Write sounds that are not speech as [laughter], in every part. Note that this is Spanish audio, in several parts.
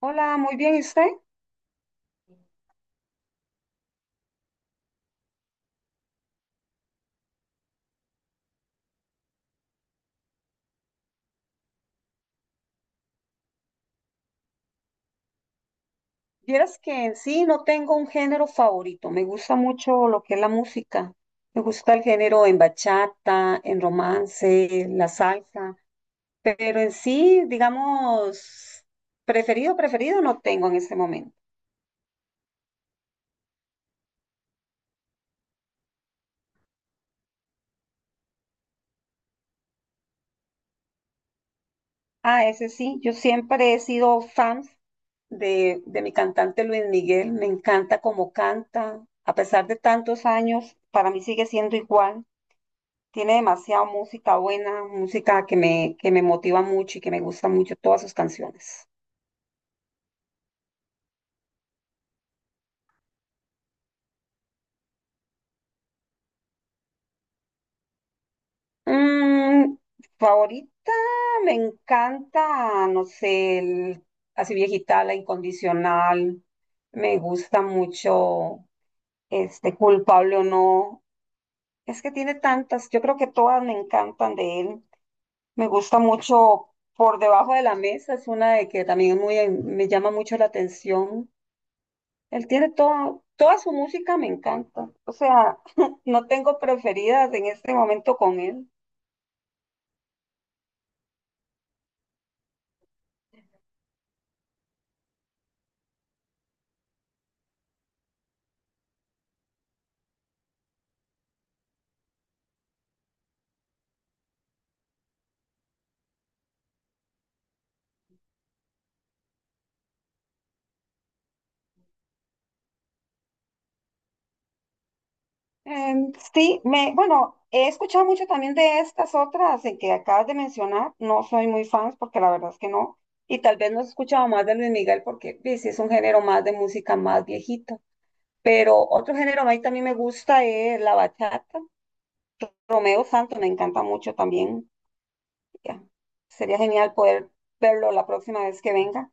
Hola, muy bien, ¿y usted? Vieras que en sí no tengo un género favorito, me gusta mucho lo que es la música, me gusta el género en bachata, en romance, la salsa, pero en sí, digamos, preferido, preferido no tengo en este momento. Ah, ese sí, yo siempre he sido fan de mi cantante Luis Miguel, me encanta cómo canta, a pesar de tantos años, para mí sigue siendo igual. Tiene demasiada música buena, música que me motiva mucho y que me gusta mucho todas sus canciones. Mm, favorita, me encanta, no sé, así viejita, la incondicional. Me gusta mucho, culpable o no. Es que tiene tantas, yo creo que todas me encantan de él. Me gusta mucho por debajo de la mesa, es una de que también muy, me llama mucho la atención. Él tiene todo, toda su música me encanta. O sea, [laughs] no tengo preferidas en este momento con él. Bueno, he escuchado mucho también de estas otras en que acabas de mencionar. No soy muy fan porque la verdad es que no. Y tal vez no he escuchado más de Luis Miguel porque sí, sí es un género más de música más viejita. Pero otro género a mí también me gusta es la bachata. Romeo Santos me encanta mucho también. Ya, sería genial poder verlo la próxima vez que venga.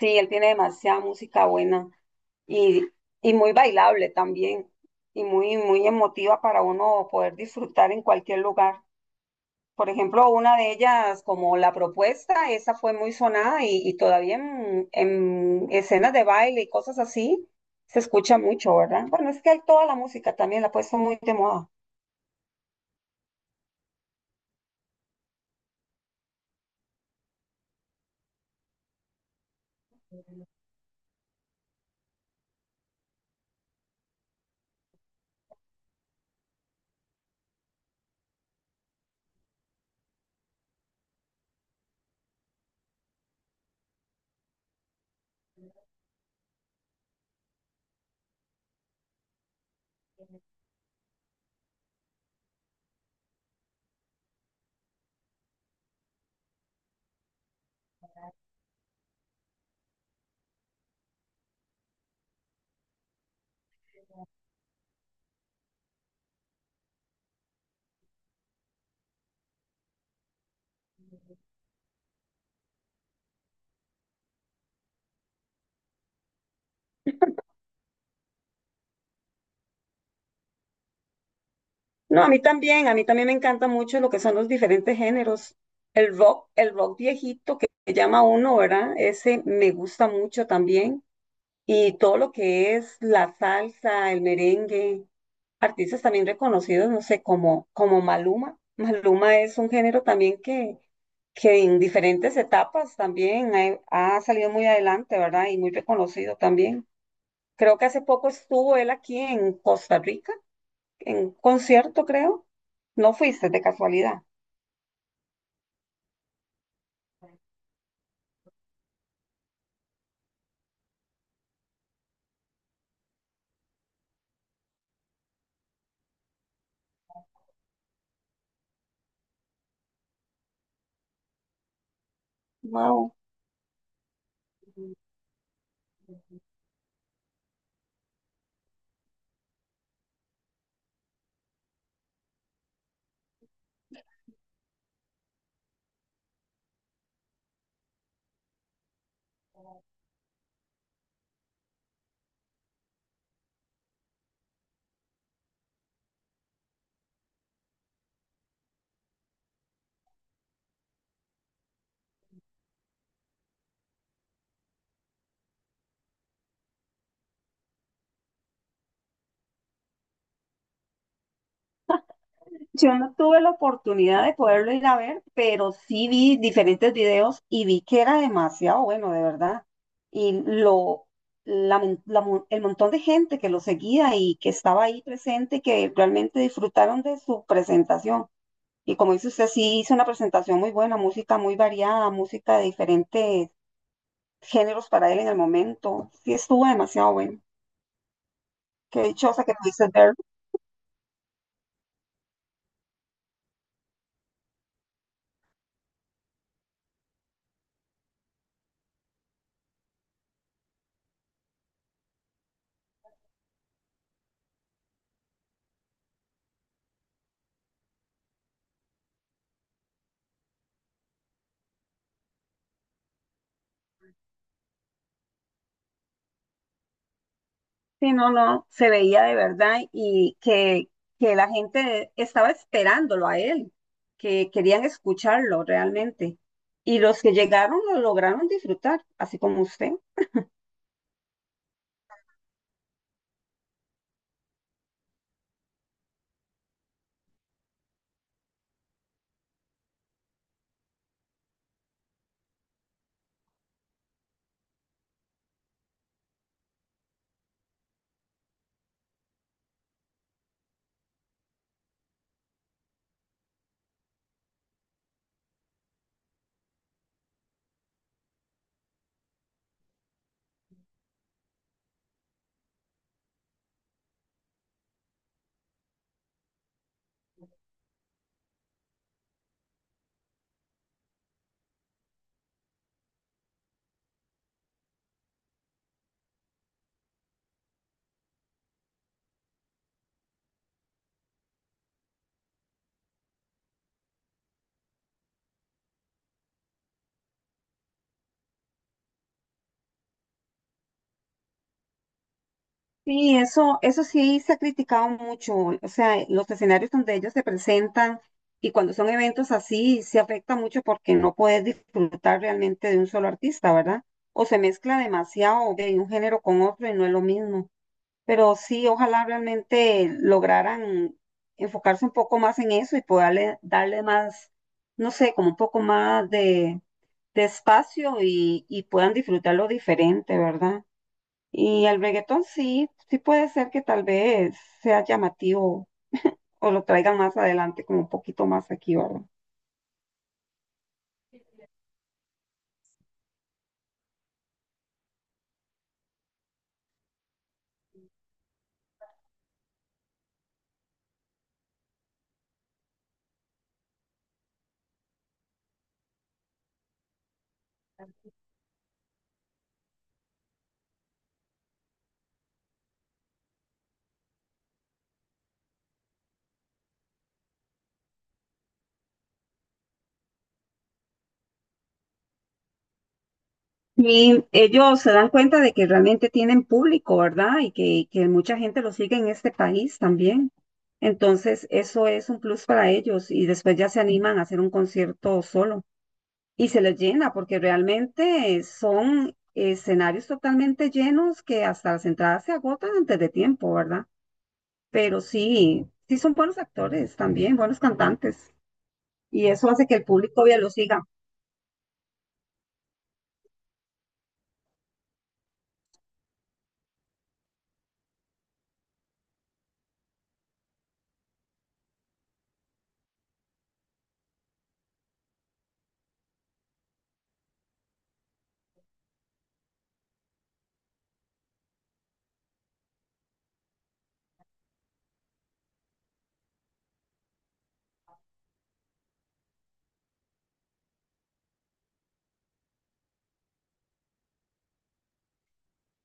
Sí, él tiene demasiada música buena y, y muy bailable también y muy, muy emotiva para uno poder disfrutar en cualquier lugar. Por ejemplo, una de ellas, como La Propuesta, esa fue muy sonada y todavía en escenas de baile y cosas así se escucha mucho, ¿verdad? Bueno, es que él toda la música también la ha puesto muy de moda. No, a mí también me encanta mucho lo que son los diferentes géneros. El rock viejito que llama uno, ¿verdad? Ese me gusta mucho también. Y todo lo que es la salsa, el merengue, artistas también reconocidos, no sé, como Maluma. Maluma es un género también que en diferentes etapas también ha salido muy adelante, ¿verdad? Y muy reconocido también. Creo que hace poco estuvo él aquí en Costa Rica en concierto, creo. No fuiste de casualidad. Wow. Yo no tuve la oportunidad de poderlo ir a ver, pero sí vi diferentes videos y vi que era demasiado bueno, de verdad. Y lo, la mon- El montón de gente que lo seguía y que estaba ahí presente, que realmente disfrutaron de su presentación. Y como dice usted, sí hizo una presentación muy buena, música muy variada, música de diferentes géneros para él en el momento. Sí estuvo demasiado bueno. Qué dichosa que pudiste verlo. Sí, no, no, se veía de verdad y que la gente estaba esperándolo a él, que querían escucharlo realmente. Y los que llegaron lo lograron disfrutar, así como usted. Sí, eso sí se ha criticado mucho, o sea, los escenarios donde ellos se presentan y cuando son eventos así, se afecta mucho porque no puedes disfrutar realmente de un solo artista, ¿verdad? O se mezcla demasiado de un género con otro y no es lo mismo. Pero sí, ojalá realmente lograran enfocarse un poco más en eso y poderle darle más, no sé, como un poco más de espacio y puedan disfrutarlo diferente, ¿verdad? Y el reggaetón sí, sí puede ser que tal vez sea llamativo o lo traigan más adelante, como un poquito más aquí, ¿verdad? Y ellos se dan cuenta de que realmente tienen público, ¿verdad? Y que mucha gente lo sigue en este país también. Entonces, eso es un plus para ellos y después ya se animan a hacer un concierto solo y se les llena porque realmente son escenarios totalmente llenos que hasta las entradas se agotan antes de tiempo, ¿verdad? Pero sí, sí son buenos actores también, buenos cantantes y eso hace que el público ya lo siga.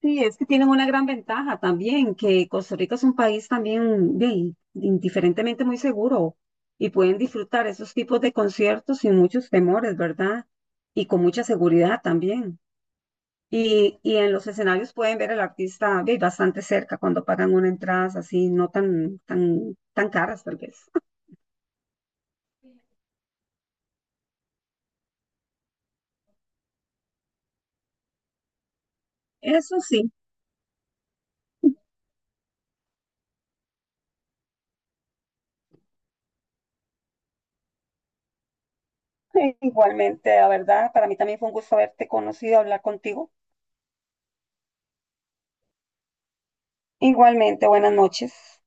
Sí, es que tienen una gran ventaja también, que Costa Rica es un país también bien, indiferentemente muy seguro y pueden disfrutar esos tipos de conciertos sin muchos temores, ¿verdad? Y con mucha seguridad también. Y en los escenarios pueden ver al artista bien, bastante cerca cuando pagan una entrada así, no tan, tan, tan caras tal vez. [laughs] Eso sí, [laughs] igualmente, la verdad, para mí también fue un gusto haberte conocido, hablar contigo. Igualmente, buenas noches.